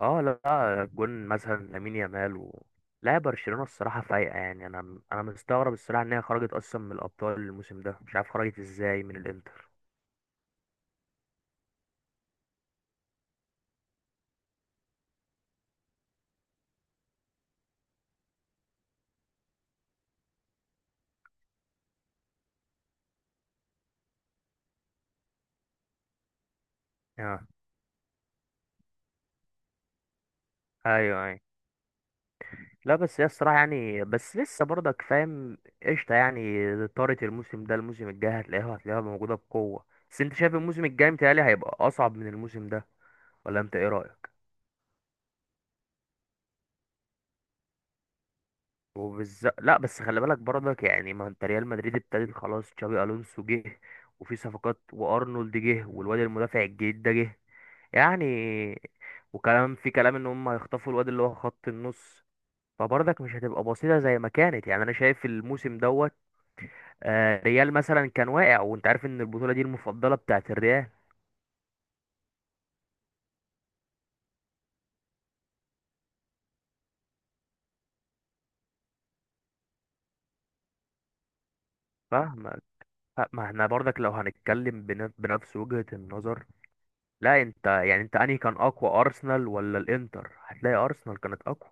اه لا جون مثلا لامين يامال لا برشلونة الصراحة فايقة، يعني انا مستغرب الصراحة ان هي خرجت اصلا من الابطال الموسم ده، مش عارف خرجت ازاي من الانتر. اه، ايوه. لا بس هي الصراحة يعني، بس لسه برضك فاهم؟ قشطة يعني. طارت الموسم ده. الموسم الجاي هتلاقيها موجودة بقوة. بس انت شايف الموسم الجاي متهيألي هيبقى اصعب من الموسم ده، ولا انت ايه رأيك؟ وبالظبط. لا بس خلي بالك برضك، يعني ما انت ريال مدريد ابتدت خلاص، تشابي الونسو جه، وفي صفقات، وارنولد جه، والواد المدافع الجديد ده جه، يعني. وكلام في كلام ان هم هيخطفوا الواد اللي هو خط النص، فبرضك مش هتبقى بسيطه زي ما كانت. يعني انا شايف الموسم دوت، ريال مثلا كان واقع، وانت عارف ان البطوله دي المفضله بتاعت الريال. فاهمك. لا، ما احنا برضك لو هنتكلم بنفس وجهة النظر. لا انت يعني، انت انهي كان اقوى، ارسنال ولا الانتر؟ هتلاقي ارسنال كانت اقوى.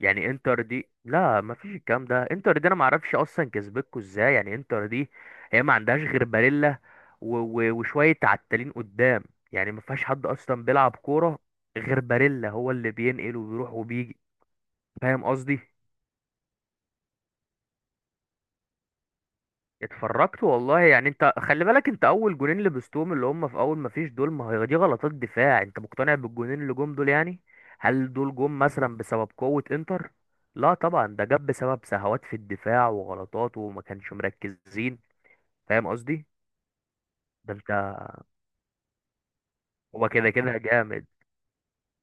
يعني انتر دي، لا ما فيش الكلام ده، انتر دي انا ما اعرفش اصلا كسبتكوا ازاي. يعني انتر دي هي ما عندهاش غير باريلا وشويه عتالين قدام، يعني ما فيهاش حد اصلا بيلعب كوره غير باريلا، هو اللي بينقل وبيروح وبيجي. فاهم قصدي؟ اتفرجت والله. يعني انت خلي بالك، انت اول جونين لبستهم اللي هم في اول ما فيش دول، ما هي دي غلطات دفاع. انت مقتنع بالجونين اللي جم دول يعني؟ هل دول جم مثلا بسبب قوة انتر؟ لا طبعا، ده جاب بسبب سهوات في الدفاع وغلطات، وما كانش مركزين. فاهم قصدي؟ ده انت، هو كده كده جامد،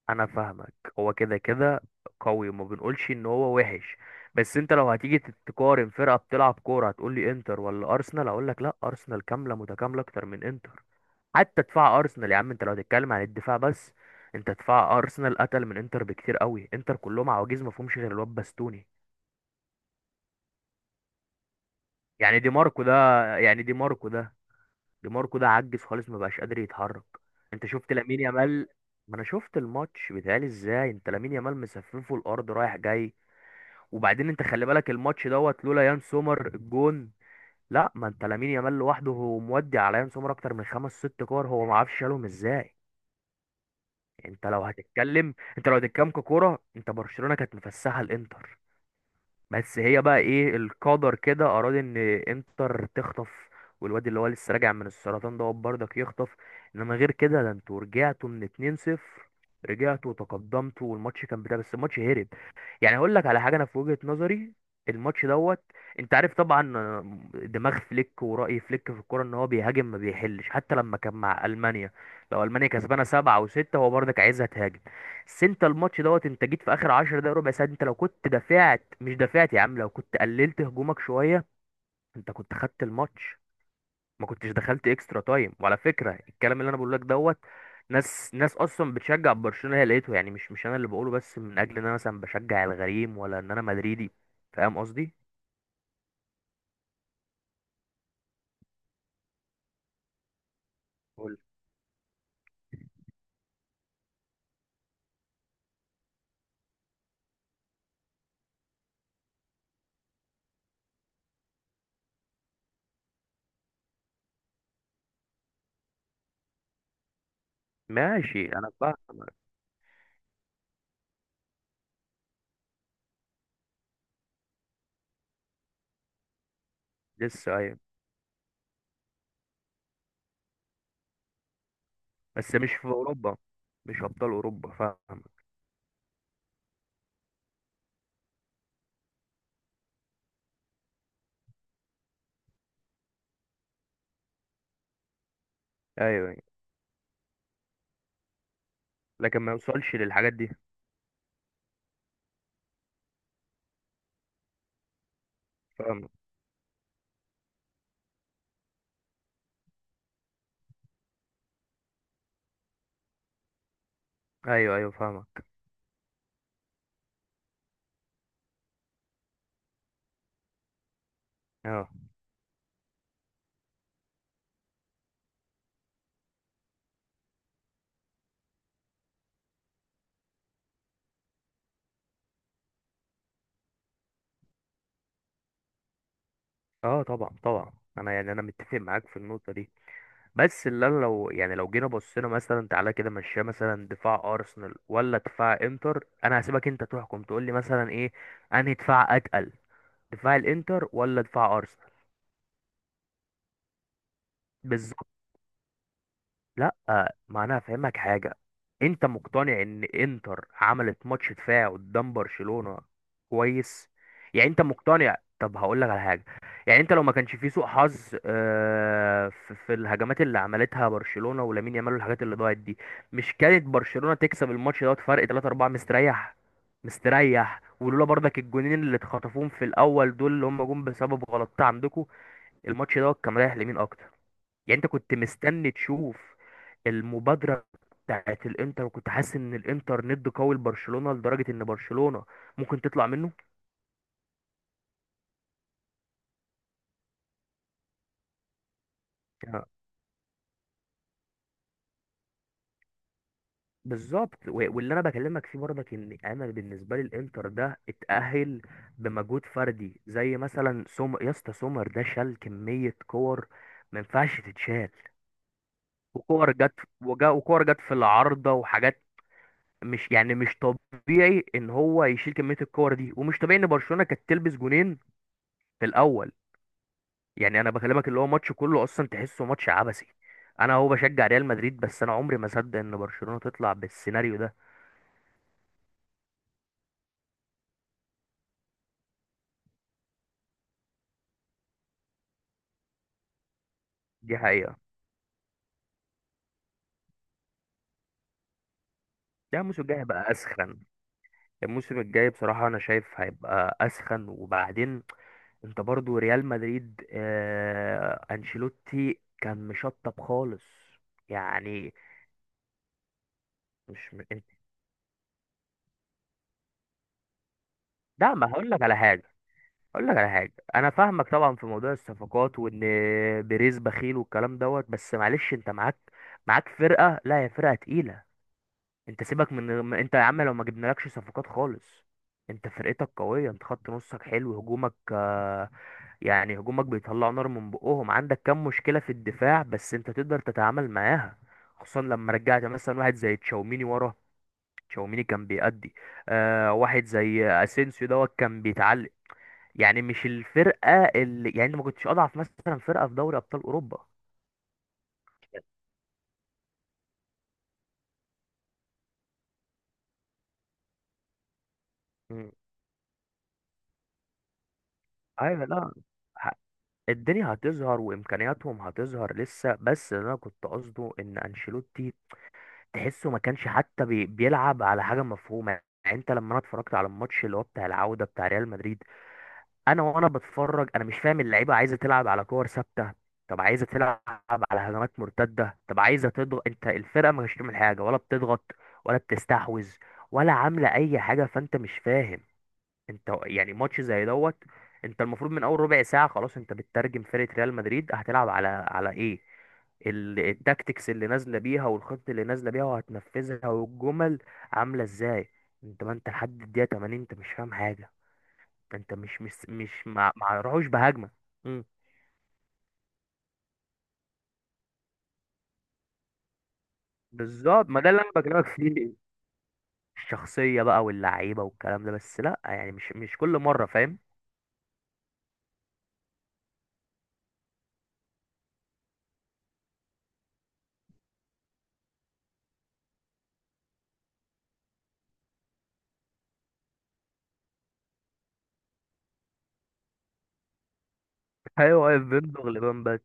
انا فاهمك، هو كده كده قوي، وما بنقولش ان هو وحش. بس انت لو هتيجي تقارن فرقة بتلعب كورة، هتقول لي انتر ولا ارسنال؟ اقول لك لا، ارسنال كاملة متكاملة اكتر من انتر. حتى دفاع ارسنال يا عم، انت لو هتتكلم عن الدفاع بس، انت دفاع ارسنال قتل من انتر بكتير قوي. انتر كلهم عواجيز، ما فيهمش غير الواد باستوني. يعني دي ماركو ده. يعني دي ماركو ده، دي ماركو ده عجز خالص، ما بقاش قادر يتحرك. انت شفت لامين يامال؟ ما انا شفت الماتش، بيتهيألي ازاي؟ انت لامين يامال مسففه الارض رايح جاي. وبعدين انت خلي بالك الماتش دوت، لولا يان سومر الجون. لا ما انت لامين يامال لوحده هو مودي على يان سومر اكتر من خمس ست كور، هو ما عرفش شالهم ازاي. انت لو هتتكلم، انت لو هتتكلم ككوره، انت برشلونه كانت مفسحه الانتر. بس هي بقى ايه، القدر كده اراد ان انتر تخطف، والواد اللي هو لسه راجع من السرطان ده برضك يخطف. انما غير كده، ده انتوا رجعتوا من 2-0، رجعتوا وتقدمتوا، والماتش كان بتاع، بس الماتش هرب. يعني هقول لك على حاجه، انا في وجهه نظري الماتش دوت، انت عارف طبعا دماغ فليك ورأي فليك في الكوره، ان هو بيهاجم، ما بيحلش حتى لما كان مع المانيا. لو المانيا كسبانه 7-6 هو برضك عايزها تهاجم. بس انت الماتش دوت، انت جيت في اخر 10 دقايق ربع ساعه، انت لو كنت دافعت، مش دافعت يا عم، لو كنت قللت هجومك شويه، انت كنت خدت الماتش، ما كنتش دخلت اكسترا تايم. وعلى فكره الكلام اللي انا بقول لك دوت، ناس اصلا بتشجع برشلونه هي لقيته، يعني مش مش انا اللي بقوله، بس من اجل ان انا مثلا بشجع الغريم، ولا ان انا مدريدي. فاهم قصدي؟ قول. ماشي انا فاهم. لسه، ايوه. بس مش في اوروبا، مش ابطال اوروبا، فاهم. ايوه أيوة. لكن ما يوصلش للحاجات دي. فاهم. ايوه فاهمك. اه. اه طبعا طبعا، انا يعني انا متفق معاك في النقطه دي. بس اللي أنا لو يعني، لو جينا بصينا مثلا، تعالى كده مشيها، مثلا دفاع ارسنال ولا دفاع انتر، انا هسيبك انت تحكم، تقول لي مثلا ايه انهي دفاع اتقل، دفاع الانتر ولا دفاع ارسنال. لا ما انا هفهمك حاجه، انت مقتنع ان انتر عملت ماتش دفاع قدام برشلونه؟ كويس. يعني انت مقتنع، طب هقول لك على حاجه. يعني انت لو ما كانش في سوء حظ في في الهجمات اللي عملتها برشلونه، ولامين يامال، والحاجات اللي ضاعت دي، مش كانت برشلونه تكسب الماتش دوت فرق 3 4 مستريح، مستريح؟ ولولا برضك الجونين اللي اتخطفوهم في الاول دول، اللي هم جم بسبب غلطات عندكم، الماتش دوت كان رايح لمين اكتر؟ يعني انت كنت مستني تشوف المبادرة بتاعت الانتر، وكنت حاسس ان الانتر ند قوي لبرشلونة، لدرجة ان برشلونة ممكن تطلع منه؟ آه، بالظبط. واللي انا بكلمك فيه برضك، ان انا بالنسبة لي الانتر ده اتأهل بمجهود فردي، زي مثلا يا اسطى سومر ده شال كمية كور ما ينفعش تتشال، وكور جت، وجا، وكور جت في العارضة وحاجات. مش يعني، مش طبيعي ان هو يشيل كمية الكور دي، ومش طبيعي ان برشلونة كانت تلبس جونين في الاول. يعني انا بكلمك اللي هو ماتش كله اصلا تحسه ماتش عبثي. انا هو بشجع ريال مدريد بس انا عمري ما اصدق ان برشلونة تطلع بالسيناريو ده. دي حقيقة. ده الموسم الجاي هيبقى اسخن. الموسم الجاي بصراحة انا شايف هيبقى اسخن. وبعدين انت برضو ريال مدريد، آه انشيلوتي كان مشطب خالص. يعني مش م... انت. لا ما هقول لك على حاجة، اقول لك على حاجه. انا فاهمك طبعا في موضوع الصفقات، وان بيريز بخيل والكلام دوت. بس معلش انت معاك، معاك فرقه، لا هي فرقه تقيله. انت سيبك من انت يا عم لو ما جبنالكش صفقات خالص، انت فرقتك قويه، انت خط نصك حلو، هجومك يعني هجومك بيطلع نار من بقهم. عندك كام مشكله في الدفاع بس انت تقدر تتعامل معاها، خصوصا لما رجعت مثلا واحد زي تشاوميني ورا. تشاوميني كان بيأدي. آه واحد زي اسينسيو دوت كان بيتعلم. يعني مش الفرقه اللي يعني، أنا ما كنتش اضعف مثلا فرقه في دوري ابطال اوروبا. مم. ايوه لا. ه- الدنيا هتظهر، وامكانياتهم هتظهر لسه. بس اللي انا كنت قصده ان انشيلوتي تحسه ما كانش حتى بيلعب على حاجه مفهومه. يعني انت لما انا اتفرجت على الماتش اللي هو بتاع العوده بتاع ريال مدريد، انا وانا بتفرج انا مش فاهم اللعيبه عايزه تلعب على كور ثابته؟ طب عايزه تلعب على هجمات مرتده؟ طب عايزه تضغط؟ انت الفرقه مش بتعمل حاجه، ولا بتضغط، ولا بتستحوذ، ولا عامله اي حاجه. فانت مش فاهم. انت يعني ماتش زي دوت، انت المفروض من اول ربع ساعه خلاص انت بتترجم فرقه ريال مدريد هتلعب على على ايه، التاكتكس اللي نازله بيها، والخطه اللي نازله بيها وهتنفذها، والجمل عامله ازاي. انت ما انت لحد الدقيقه 80 انت مش فاهم حاجه. ده انت، مش مش مش ما راحوش بهجمه. امم بالظبط. ما ده اللي انا بكلمك فيه. الشخصيه بقى، واللعيبه، والكلام ده. بس لا يعني، مش مش كل مره، فاهم. ايوه، واقف بيمضغ لبان بات.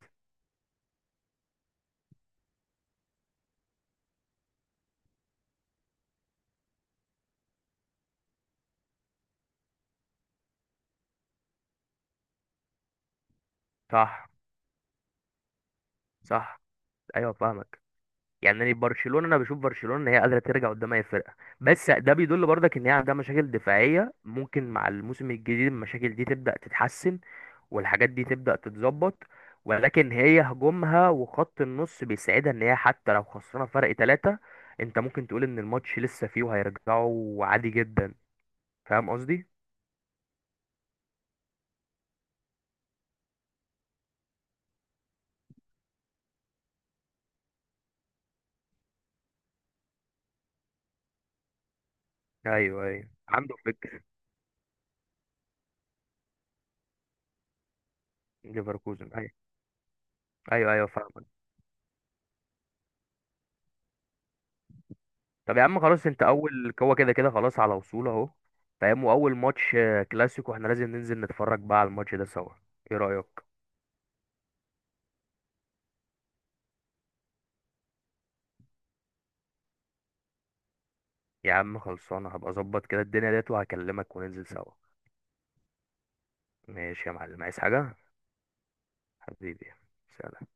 صح، صح، ايوه فاهمك. يعني أنا برشلونه، انا بشوف برشلونه ان هي قادره ترجع قدام اي فرقه. بس ده بيدل برضك ان هي عندها مشاكل دفاعيه، ممكن مع الموسم الجديد المشاكل دي تبدا تتحسن، والحاجات دي تبدأ تتظبط. ولكن هي هجومها وخط النص بيساعدها، ان هي حتى لو خسرنا فرق 3، انت ممكن تقول ان الماتش لسه فيه وهيرجعوا عادي جدا. فاهم قصدي؟ ايوه عنده فكر. ليفركوزن، ايوه. ايوه فاهم. طب يا عم خلاص، انت اول، هو كده كده خلاص على وصول اهو. فاهم، واول ماتش كلاسيكو احنا لازم ننزل نتفرج بقى على الماتش ده سوا. ايه رأيك؟ يا عم خلصانه، هبقى اظبط كده الدنيا ديت، وهكلمك وننزل سوا. ماشي يا معلم، عايز حاجة؟ حبيبي، سلام.